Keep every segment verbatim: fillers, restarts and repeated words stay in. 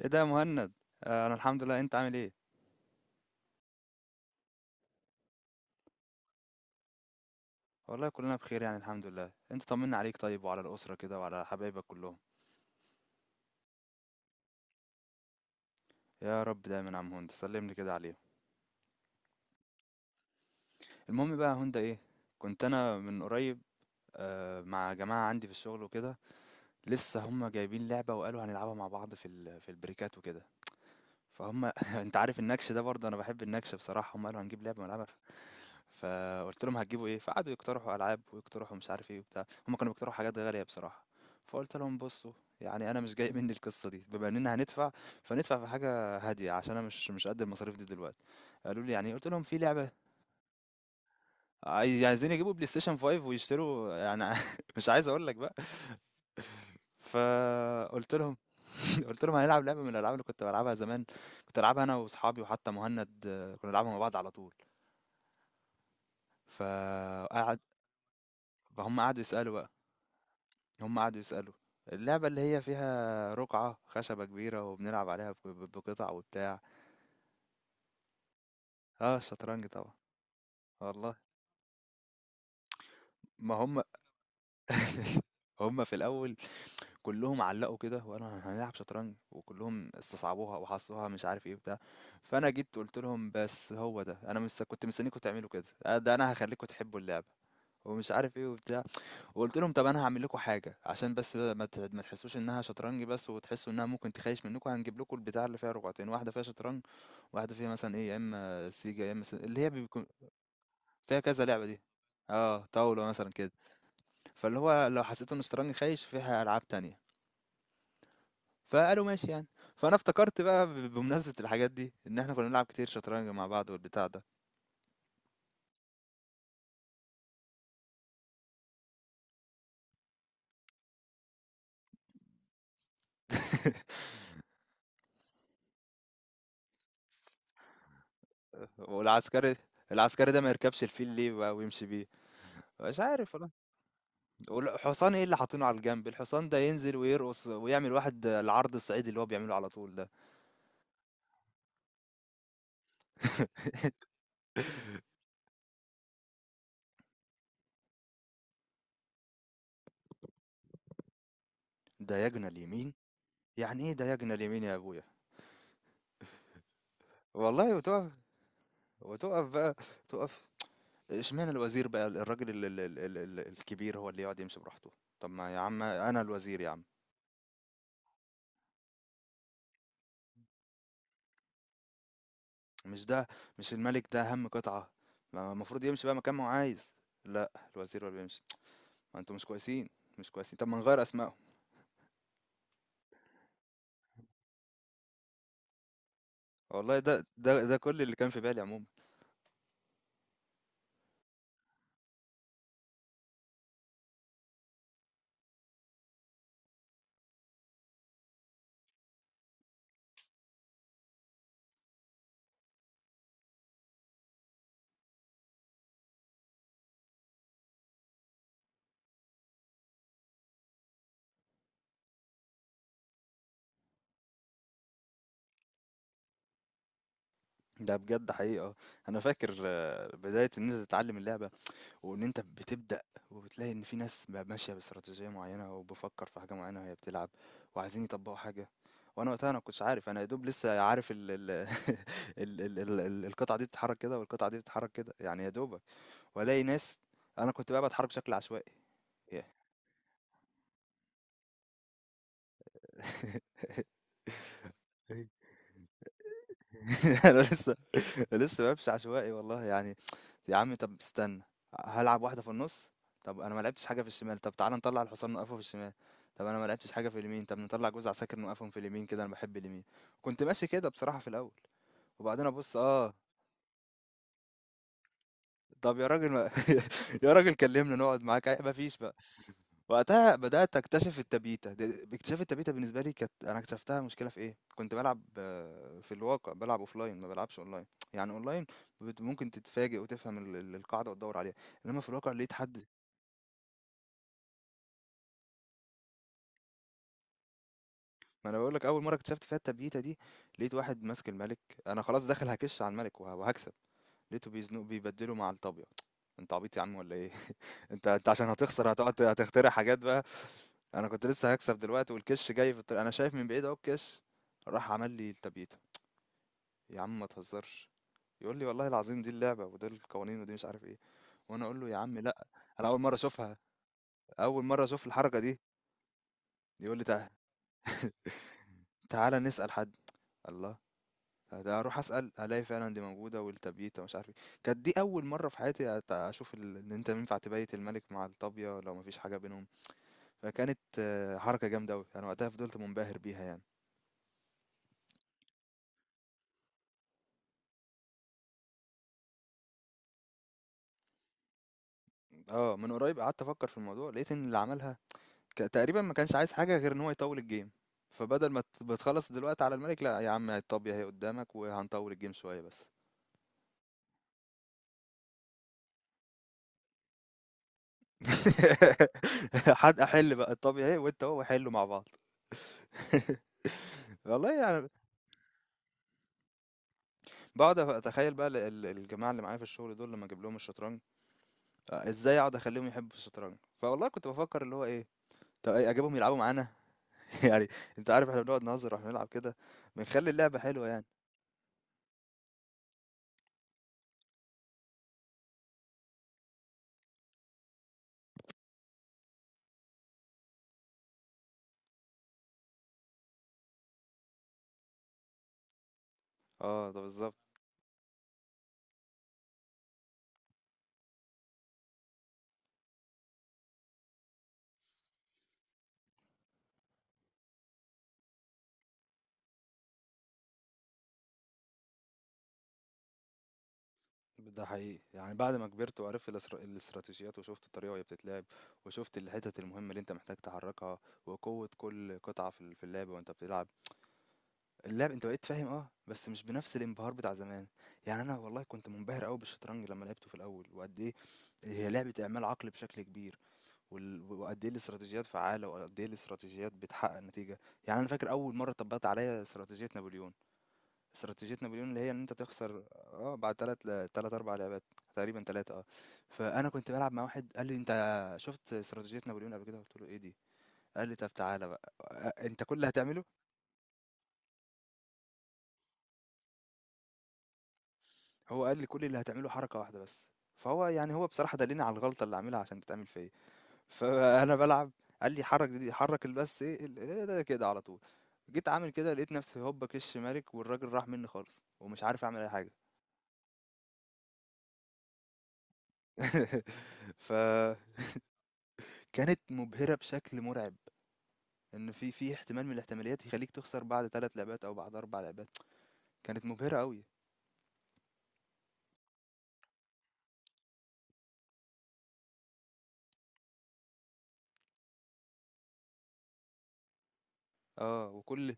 ايه ده يا مهند؟ آه، انا الحمد لله، انت عامل ايه؟ والله كلنا بخير، يعني الحمد لله. انت طمنا عليك، طيب وعلى الاسره كده وعلى حبايبك كلهم. يا رب دايما يا عم هند، سلملي كده عليهم. المهم بقى يا هند، ايه، كنت انا من قريب آه، مع جماعه عندي في الشغل وكده. لسه هم جايبين لعبه وقالوا هنلعبها مع بعض في ال- في البريكات وكده. فهم انت عارف النكش ده، برضه انا بحب النكش بصراحه. هم قالوا هنجيب لعبه ونلعبها. فقلت لهم هتجيبوا ايه؟ فقعدوا يقترحوا العاب ويقترحوا مش عارف ايه وبتاع. هم كانوا بيقترحوا حاجات غاليه بصراحه. فقلت لهم بصوا، يعني انا مش جاي مني القصه دي. بما اننا هندفع، فندفع في حاجه هاديه، عشان انا مش مش قد المصاريف دي دلوقتي. قالوا لي يعني إيه؟ قلت لهم في لعبه. عايز- عايزين يجيبوا بلاي ستيشن خمسة ويشتروا يعني، مش عايز اقول لك بقى. فقلت لهم قلت لهم هنلعب لعبه من الالعاب اللي كنت بلعبها زمان. كنت العبها انا واصحابي، وحتى مهند آه، كنا نلعبها مع بعض على طول. فقعد. فهم قعدوا يسالوا. هم قعدوا يسألوا، اللعبة اللي هي فيها رقعة خشبة كبيرة وبنلعب عليها بق- بقطع وبتاع. اه، الشطرنج طبعا. والله ما هم هم في الأول كلهم علقوا كده وقالوا هنلعب شطرنج، وكلهم استصعبوها وحصوها مش عارف ايه بتاع. فأنا جيت قلت لهم بس هو ده، أنا مش كنت مستنيكم تعملوا كده. آه، ده أنا هخليكم تحبوا اللعبة ومش عارف ايه وبتاع. وقلت لهم طب انا هعمل لكم حاجه عشان بس ما ت- ما تحسوش انها شطرنج بس، وتحسوا انها ممكن تخيش منكم، هنجيب لكم البتاع اللي فيها رقعتين، واحده فيها شطرنج، واحده فيها مثلا ايه، يا اما سيجا، يا اما س- اللي هي بيكون فيها كذا لعبه دي. اه، طاوله مثلا كده. فاللي هو لو حسيتوا ان الشطرنج خايش، فيها العاب تانية. فقالوا ماشي يعني. فانا افتكرت بقى ب- بمناسبه الحاجات دي، ان احنا كنا بنلعب كتير شطرنج مع بعض والبتاع ده. والعسكري، العسكري ده ما يركبش الفيل ليه بقى ويمشي بيه؟ مش عارف والله. والحصان، ايه اللي حاطينه على الجنب؟ الحصان ده ينزل ويرقص ويعمل واحد العرض الصعيدي اللي هو بيعمله على طول ده. دايجنا اليمين. يعني ايه دايجنا اليمين يا ابويا؟ والله. وتقف، وتقف بقى، تقف. اشمعنى الوزير بقى، الراجل ال ال ال ال ال الكبير هو اللي يقعد يمشي براحته؟ طب ما يا عم انا الوزير يا عم. مش ده، مش الملك ده اهم قطعة؟ ما المفروض يمشي بقى مكان ما هو عايز. لا، الوزير هو اللي بيمشي. ما انتوا مش كويسين. مش كويسين، طب ما نغير اسمائهم. والله، ده ده ده كل اللي كان في بالي عموما. ده بجد حقيقة. أنا فاكر آه، بداية إن أنت تتعلم اللعبة، وإن أنت بتبدأ، وبتلاقي إن في ناس بقى ماشية باستراتيجية معينة، وبفكر في حاجة معينة وهي بتلعب، وعايزين يطبقوا حاجة. وأنا وقتها، أنا مكنتش عارف. أنا يا دوب لسه عارف ال ال ال ال ال ال القطعة دي بتتحرك كده، والقطعة دي بتتحرك كده، يعني يا دوبك. وألاقي ناس. أنا كنت بقى بتحرك بشكل عشوائي. yeah. أنا لسه لسه بامشي عشوائي والله يعني. يا عم طب استنى، هالعب واحدة في النص. طب أنا ما لعبتش حاجة في الشمال، طب تعالى نطلع الحصان نوقفه في الشمال. طب أنا ما لعبتش حاجة في اليمين، طب نطلع جوز عساكر نوقفهم في اليمين، كده أنا بحب اليمين. كنت ماشي كده بصراحة في الأول. وبعدين أبص آه طب يا راجل ما يا راجل كلمنا نقعد معاك ما فيش بقى. وقتها بدأت أكتشف التبيتة، د باكتشاف التبيتة بالنسبة لي كانت، أنا اكتشفتها مشكلة في إيه، كنت بالعب في الواقع، بالعب offline ما بالعبش online. يعني online بت ممكن تتفاجئ وتفهم ال ال القاعدة وتدوّر عليها، إنما في الواقع لقيت حد. ما أنا باقول لك، أول مرّة اكتشفت فيها التبييتة دي، لقيت واحد ماسك المَلِك، أنا خلاص داخل هاكِش على المَلِك وه وهاكسب، لقيته بيزنقه، بيبدّله مع الطابية. أنت عبيط يا عم والّا إيه؟ أنت أنت عشان هتخسر، هتقعد ت هتخترع حاجات بقى. أنا كنت لسه هاكسب دلوقتي، والكِش جاي في الط أنا شايف من بعيد أهو الكِش، راح عمل لي التبييتة. يا عم ما تهزرش، يقول لي والله العظيم دي اللعبة ودول القوانين ودي مش عارف إيه، وأنا أقول له يا عم لأ. أنا أول مرّة أشوفها، أول مرّة أشوف الحركة دي. يقول لي تع تعالَ نسأل حد. الله! ده اروح اسال الاقي فعلا دي موجوده، والتبييته ومش عارف ايه. كانت دي اول مره في حياتي أت- اشوف ال- ان انت ينفع تبيت الملك مع الطابيه لو مفيش حاجه بينهم. فكانت آه، حركه جامده قوي، انا وقتها فضلت منبهر بيها يعني. اه، من قريب قعدت افكر في الموضوع، لقيت ان اللي عملها ك- تقريبا ما كانش عايز حاجه غير ان هو يطول الجيم. فبدل ما ت- بتخلص دلوقتي على الملك، لا يا عم، الطابيه هي قدامك، وهنطول الجيم شويه بس. حد احل بقى الطابيه اهي، وانت هو حلوا مع بعض. والله يعني. باقعد أف أتخيّل بقى ال ال الجماعة اللي معايا في الشغل دول، لمّا أجيب لهم الشطرنج، أ إزاي أقعد أخلّيهم يحبّوا الشطرنج؟ فوالله كنت بافكّر اللي هو إيه، طب أ أجيبهم يلعبوا معانا؟ يعني، أنت عارف إحنا بنقعد نهزّر وإحنا بنلعب كده، بنخلّي اللعبة حلوة يعني. آه، ده بالضبط. ده حقيقي، يعني بعد ما كبرت، وعرفت الاستر الاستراتيجيات، وشُفت الطريقة وهي بتتلعب، وشُفت الحتت المهمة اللي أنت محتاج تحرّكها، وقوة كل قطعة في ال في اللعبة وأنت بتلعب. اللعب انت بقيت فاهم اه بس مش بنفس الانبهار بتاع زمان. يعني انا والله كنت منبهر قوي بالشطرنج لما لعبته في الاول، وقد ايه هي لعبة اعمال عقل بشكل كبير. وال- وقد ايه الاستراتيجيات فعالة، وقد ايه الاستراتيجيات بتحقق نتيجة. يعني انا فاكر اول مرة طبقت عليا استراتيجية نابليون. استراتيجية نابليون اللي هي ان انت تخسر اه بعد تلات ل- تلات اربع لعبات، تقريبا تلاتة اه فانا كنت بلعب مع واحد، قال لي انت شفت استراتيجية نابليون قبل كده؟ قلت له ايه دي؟ قال لي طب تعالى بقى، آه، انت كل اللي هتعمله، هو قال لي كل اللي هتعمله حركة واحدة بس. فهو يعني، هو بصراحة دلني على الغلطة اللي عاملها عشان تتعمل فيا. فأنا بلعب، قال لي حرك دي، حرك بس ايه ال- إيه ده كده على طول؟ جيت عامل كده، لقيت نفسي هوبا كش مالك، والراجل راح مني خالص ومش عارف اعمل اي حاجة. فكانت مبهرة بشكل مرعب، ان في في احتمال من الاحتماليات يخليك تخسر بعد ثلاث لعبات او بعد اربع لعبات. كانت مبهرة قوي. اه وكل،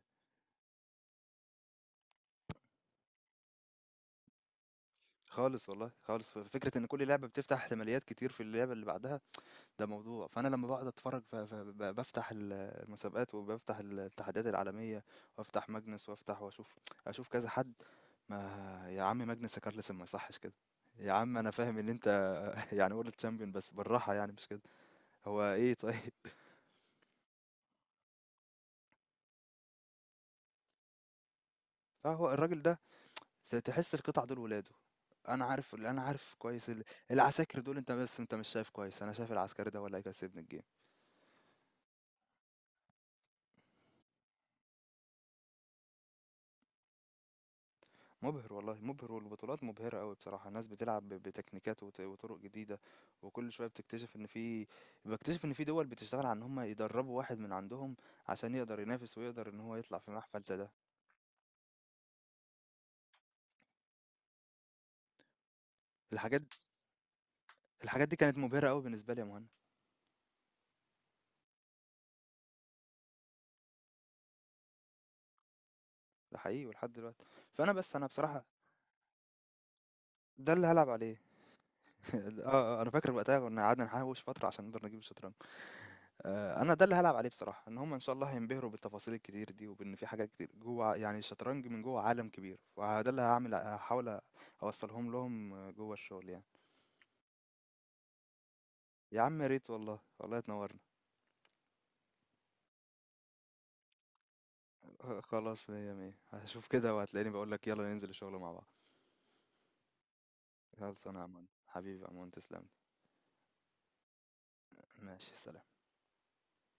خالص والله، خالص فكرة ان كل لعبة بتفتح احتماليات كتير في اللعبة اللي بعدها. ده موضوع. فانا لما بقعد اتفرج، ف- ف- ب- بفتح ال- المسابقات، وبفتح الاتحادات العالميه، وافتح ماجنس، وافتح واشوف، اشوف كذا حد. ما يا عم ماجنس كارلسن ما يصحش كده. يا عم انا فاهم ان انت يعني وورلد تشامبيون بس بالراحه يعني، مش كده. هو ايه طيب؟ اه، هو الراجل ده ت- تحس القطع دول ولاده. انا عارف انا عارف كويس ال- العساكر دول. انت بس انت مش شايف كويس، انا شايف العسكري ده ولا هيكسبني الجيم. مُبهِر والله، مُبهِر. والبطولات مُبهِرة أوي بصراحة، الناس بتلعب ب بتكنيكات وط وطُرُق جديدة. وكل شوية بتكتشف إن في، باكتشف إن في دول بتشتغل على إن هم يدرّبوا واحد من عندهم، عشان يقدر ينافس، ويقدر إن هو يطلع في محفل زي ده. الحاجات الحاجات دي كانت مُبهِرة أوي بالنسبة لي يا مهند. ده حقيقي ولحد دلوقتي. فأنا بس أنا بصراحة، ده اللي هالعب عليه. آه، آه، أنا فاكر وقتها كنا قعدنا نحوِّش فترة عشان نقدر نجيب الشطرنج. آآ، أنا ده اللي هالعب عليه بصراحة، إن هُم إن شاء الله هينبهروا بالتفاصيل الكتير دي، وبإن في حاجات كتير جوّه، يعني الشطرنج من جوّه عالم كبير، فده اللي هاعمل، هاحاول أوصّلهم لهم جوّه الشغل يعني. يا عم يا ريت والله، والله تنوّرنا. آآ، خلاص، مِيّة مِيّة. هاشوف كده وهتلاقيني باقول لك يالّا ننزل الشغل مع بعض. خلصانة يا عمور، حبيبي يا عمور تسلم لي. ماشي، سلام.